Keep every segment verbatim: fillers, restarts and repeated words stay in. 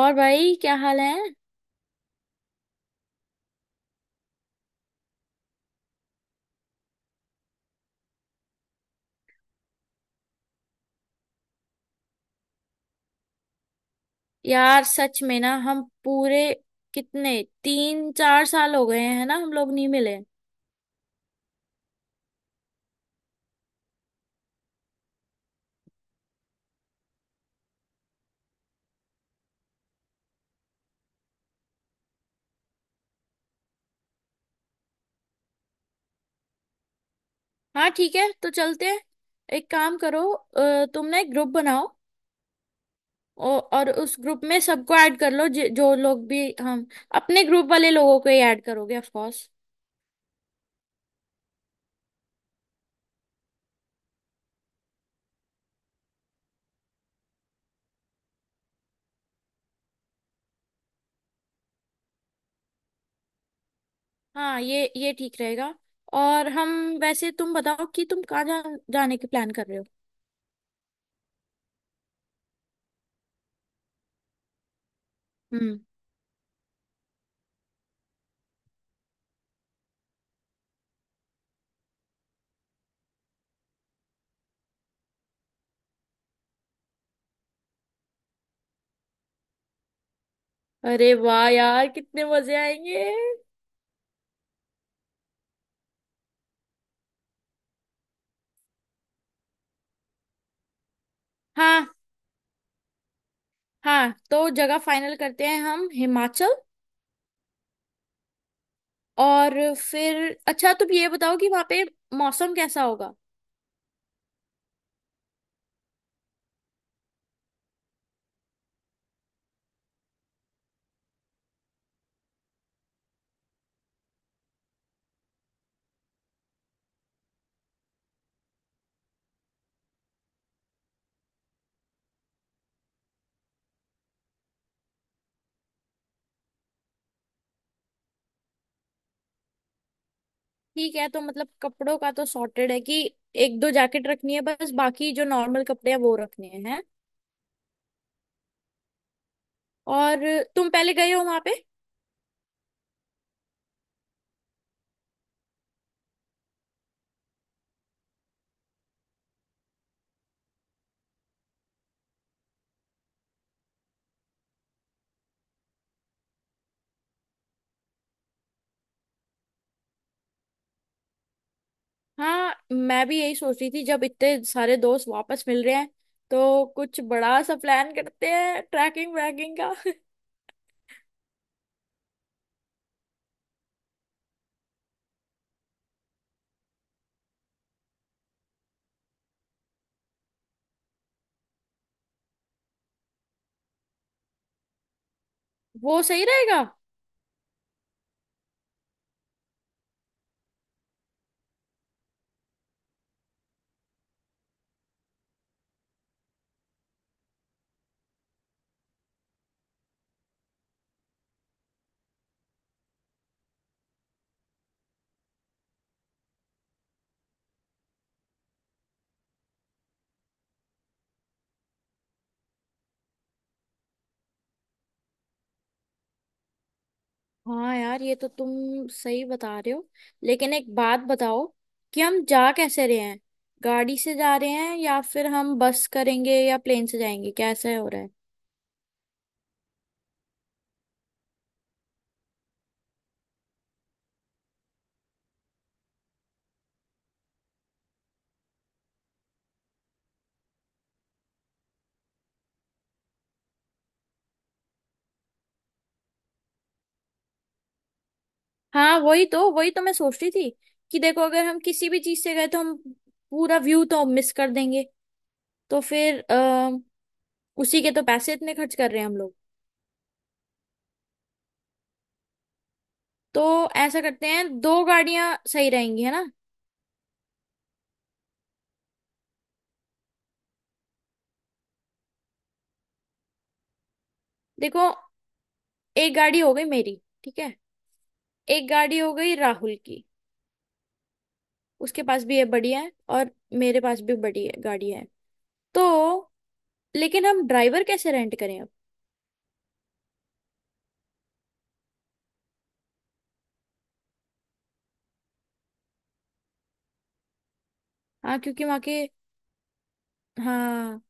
और भाई क्या हाल है। यार सच में ना हम पूरे कितने तीन चार साल हो गए हैं ना हम लोग नहीं मिले। हाँ ठीक है, तो चलते हैं। एक काम करो, अ, तुम ना एक ग्रुप बनाओ। औ- और उस ग्रुप में सबको ऐड कर लो जि- जो लोग भी हम अपने ग्रुप वाले लोगों को ही ऐड करोगे ऑफ कोर्स। हाँ ये ये ठीक रहेगा। और हम वैसे तुम बताओ कि तुम कहाँ जा, जाने की प्लान कर रहे हो। हम्म। अरे वाह यार, कितने मजे आएंगे। हाँ, हाँ तो जगह फाइनल करते हैं हम, हिमाचल। और फिर अच्छा तुम ये बताओ कि वहां पे मौसम कैसा होगा। ठीक है, तो मतलब कपड़ों का तो सॉर्टेड है कि एक दो जैकेट रखनी है, बस बाकी जो नॉर्मल कपड़े हैं वो रखने हैं। और तुम पहले गए हो वहां पे? हाँ मैं भी यही सोच रही थी, जब इतने सारे दोस्त वापस मिल रहे हैं तो कुछ बड़ा सा प्लान करते हैं ट्रैकिंग वैकिंग का वो सही रहेगा। हाँ यार ये तो तुम सही बता रहे हो। लेकिन एक बात बताओ कि हम जा कैसे रहे हैं, गाड़ी से जा रहे हैं या फिर हम बस करेंगे या प्लेन से जाएंगे, कैसे हो रहा है? हाँ वही तो वही तो मैं सोच रही थी कि देखो अगर हम किसी भी चीज से गए तो हम पूरा व्यू तो मिस कर देंगे। तो फिर आ, उसी के तो पैसे इतने खर्च कर रहे हैं हम लोग। तो ऐसा करते हैं, दो गाड़ियां सही रहेंगी, है ना। देखो एक गाड़ी हो गई मेरी, ठीक है। एक गाड़ी हो गई राहुल की, उसके पास भी है, बड़ी है। और मेरे पास भी बड़ी है गाड़ी है। तो लेकिन हम ड्राइवर कैसे रेंट करें अब? हाँ, क्योंकि वहाँ के। हाँ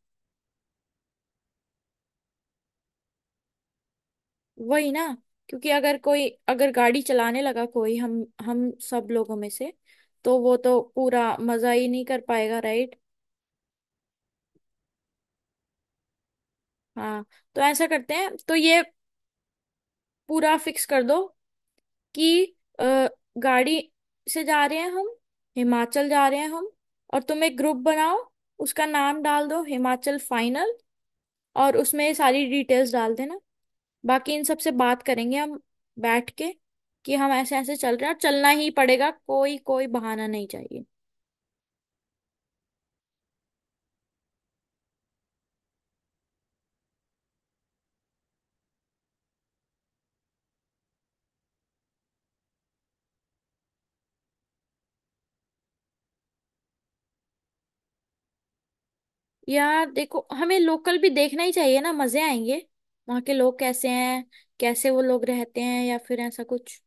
वही ना, क्योंकि अगर कोई, अगर गाड़ी चलाने लगा कोई हम हम सब लोगों में से, तो वो तो पूरा मजा ही नहीं कर पाएगा, राइट? हाँ तो ऐसा करते हैं तो ये पूरा फिक्स कर दो कि अ, गाड़ी से जा रहे हैं हम, हिमाचल जा रहे हैं हम। और तुम एक ग्रुप बनाओ, उसका नाम डाल दो हिमाचल फाइनल। और उसमें ये सारी डिटेल्स डाल देना। बाकी इन सब से बात करेंगे हम बैठ के कि हम ऐसे ऐसे चल रहे हैं और चलना ही पड़ेगा, कोई कोई बहाना नहीं चाहिए। यार देखो हमें लोकल भी देखना ही चाहिए ना, मजे आएंगे। वहाँ के लोग कैसे हैं, कैसे वो लोग रहते हैं या फिर ऐसा कुछ।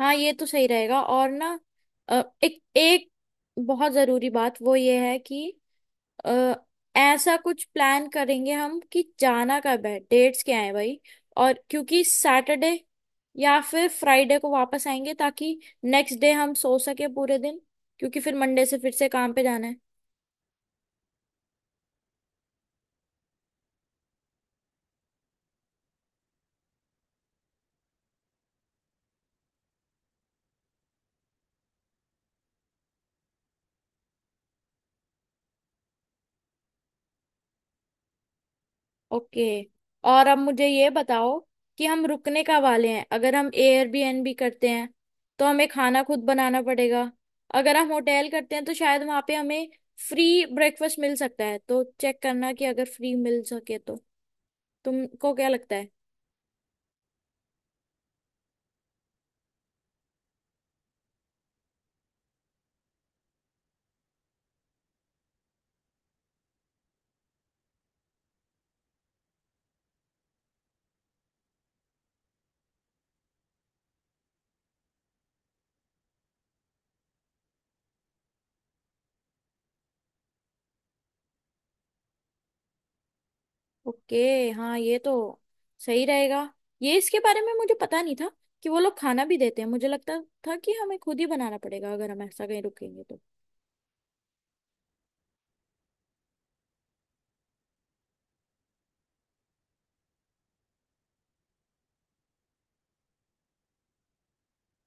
हाँ ये तो सही रहेगा। और ना अ, एक एक बहुत जरूरी बात वो ये है कि अ, ऐसा कुछ प्लान करेंगे हम कि जाना कब है, डेट्स क्या है भाई। और क्योंकि सैटरडे या फिर फ्राइडे को वापस आएंगे ताकि नेक्स्ट डे हम सो सके पूरे दिन, क्योंकि फिर मंडे से फिर से काम पे जाना है। ओके। और अब मुझे ये बताओ कि हम रुकने का वाले हैं। अगर हम एयरबीएनबी करते हैं तो हमें खाना खुद बनाना पड़ेगा, अगर हम होटल करते हैं तो शायद वहां पे हमें फ्री ब्रेकफास्ट मिल सकता है, तो चेक करना कि अगर फ्री मिल सके तो। तुमको क्या लगता है? ओके। हाँ ये तो सही रहेगा। ये इसके बारे में मुझे पता नहीं था कि वो लोग खाना भी देते हैं, मुझे लगता था कि हमें खुद ही बनाना पड़ेगा अगर हम ऐसा कहीं रुकेंगे तो।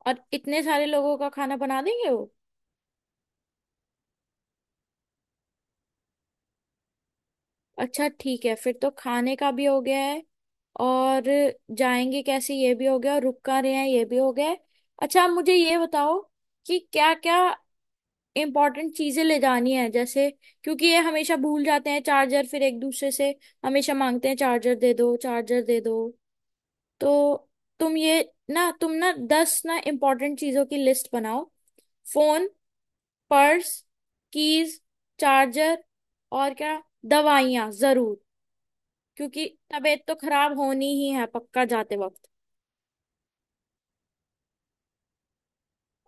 और इतने सारे लोगों का खाना बना देंगे वो? अच्छा ठीक है, फिर तो खाने का भी हो गया है। और जाएंगे कैसे ये भी हो गया, और रुक कहाँ रहे हैं ये भी हो गया है। अच्छा आप मुझे ये बताओ कि क्या क्या इम्पोर्टेंट चीजें ले जानी है। जैसे क्योंकि ये हमेशा भूल जाते हैं चार्जर, फिर एक दूसरे से हमेशा मांगते हैं चार्जर दे दो, चार्जर दे दो। तो तुम ये ना, तुम ना दस ना इम्पोर्टेंट चीजों की लिस्ट बनाओ। फोन, पर्स, कीज, चार्जर, और क्या, दवाइयाँ जरूर, क्योंकि तबीयत तो खराब होनी ही है पक्का जाते वक्त।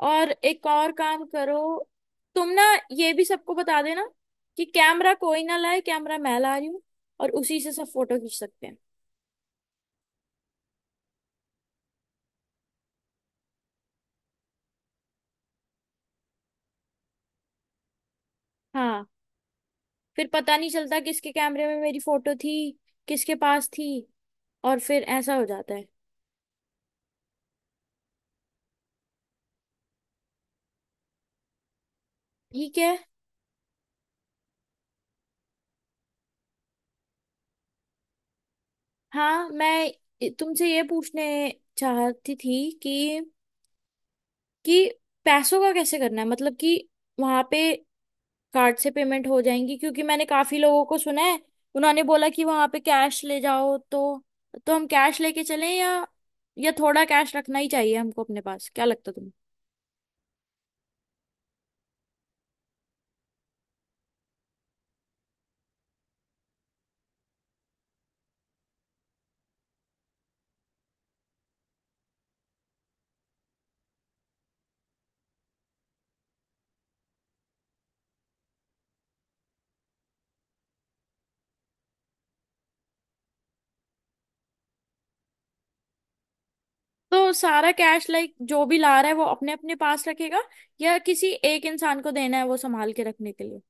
और एक और काम करो, तुम ना ये भी सबको बता देना कि कैमरा कोई ना लाए, कैमरा मैं ला रही हूँ और उसी से सब फोटो खींच सकते हैं। हाँ फिर पता नहीं चलता किसके कैमरे में मेरी फोटो थी, किसके पास थी। और फिर ऐसा हो जाता है। ठीक है, हाँ मैं तुमसे ये पूछने चाहती थी कि कि पैसों का कैसे करना है, मतलब कि वहां पे कार्ड से पेमेंट हो जाएंगी, क्योंकि मैंने काफी लोगों को सुना है उन्होंने बोला कि वहां पे कैश ले जाओ तो तो हम कैश लेके चलें या या थोड़ा कैश रखना ही चाहिए हमको अपने पास, क्या लगता है तुम्हें? तो सारा कैश लाइक जो भी ला रहा है वो अपने अपने पास रखेगा, या किसी एक इंसान को देना है वो संभाल के रखने के लिए?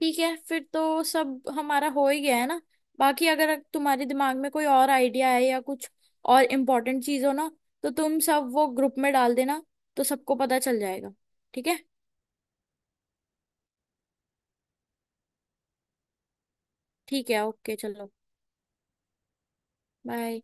ठीक है, फिर तो सब हमारा हो ही गया है ना। बाकी अगर तुम्हारे दिमाग में कोई और आइडिया है या कुछ और इम्पोर्टेंट चीज हो ना, तो तुम सब वो ग्रुप में डाल देना, तो सबको पता चल जाएगा। ठीक है। ठीक है, ओके, चलो बाय।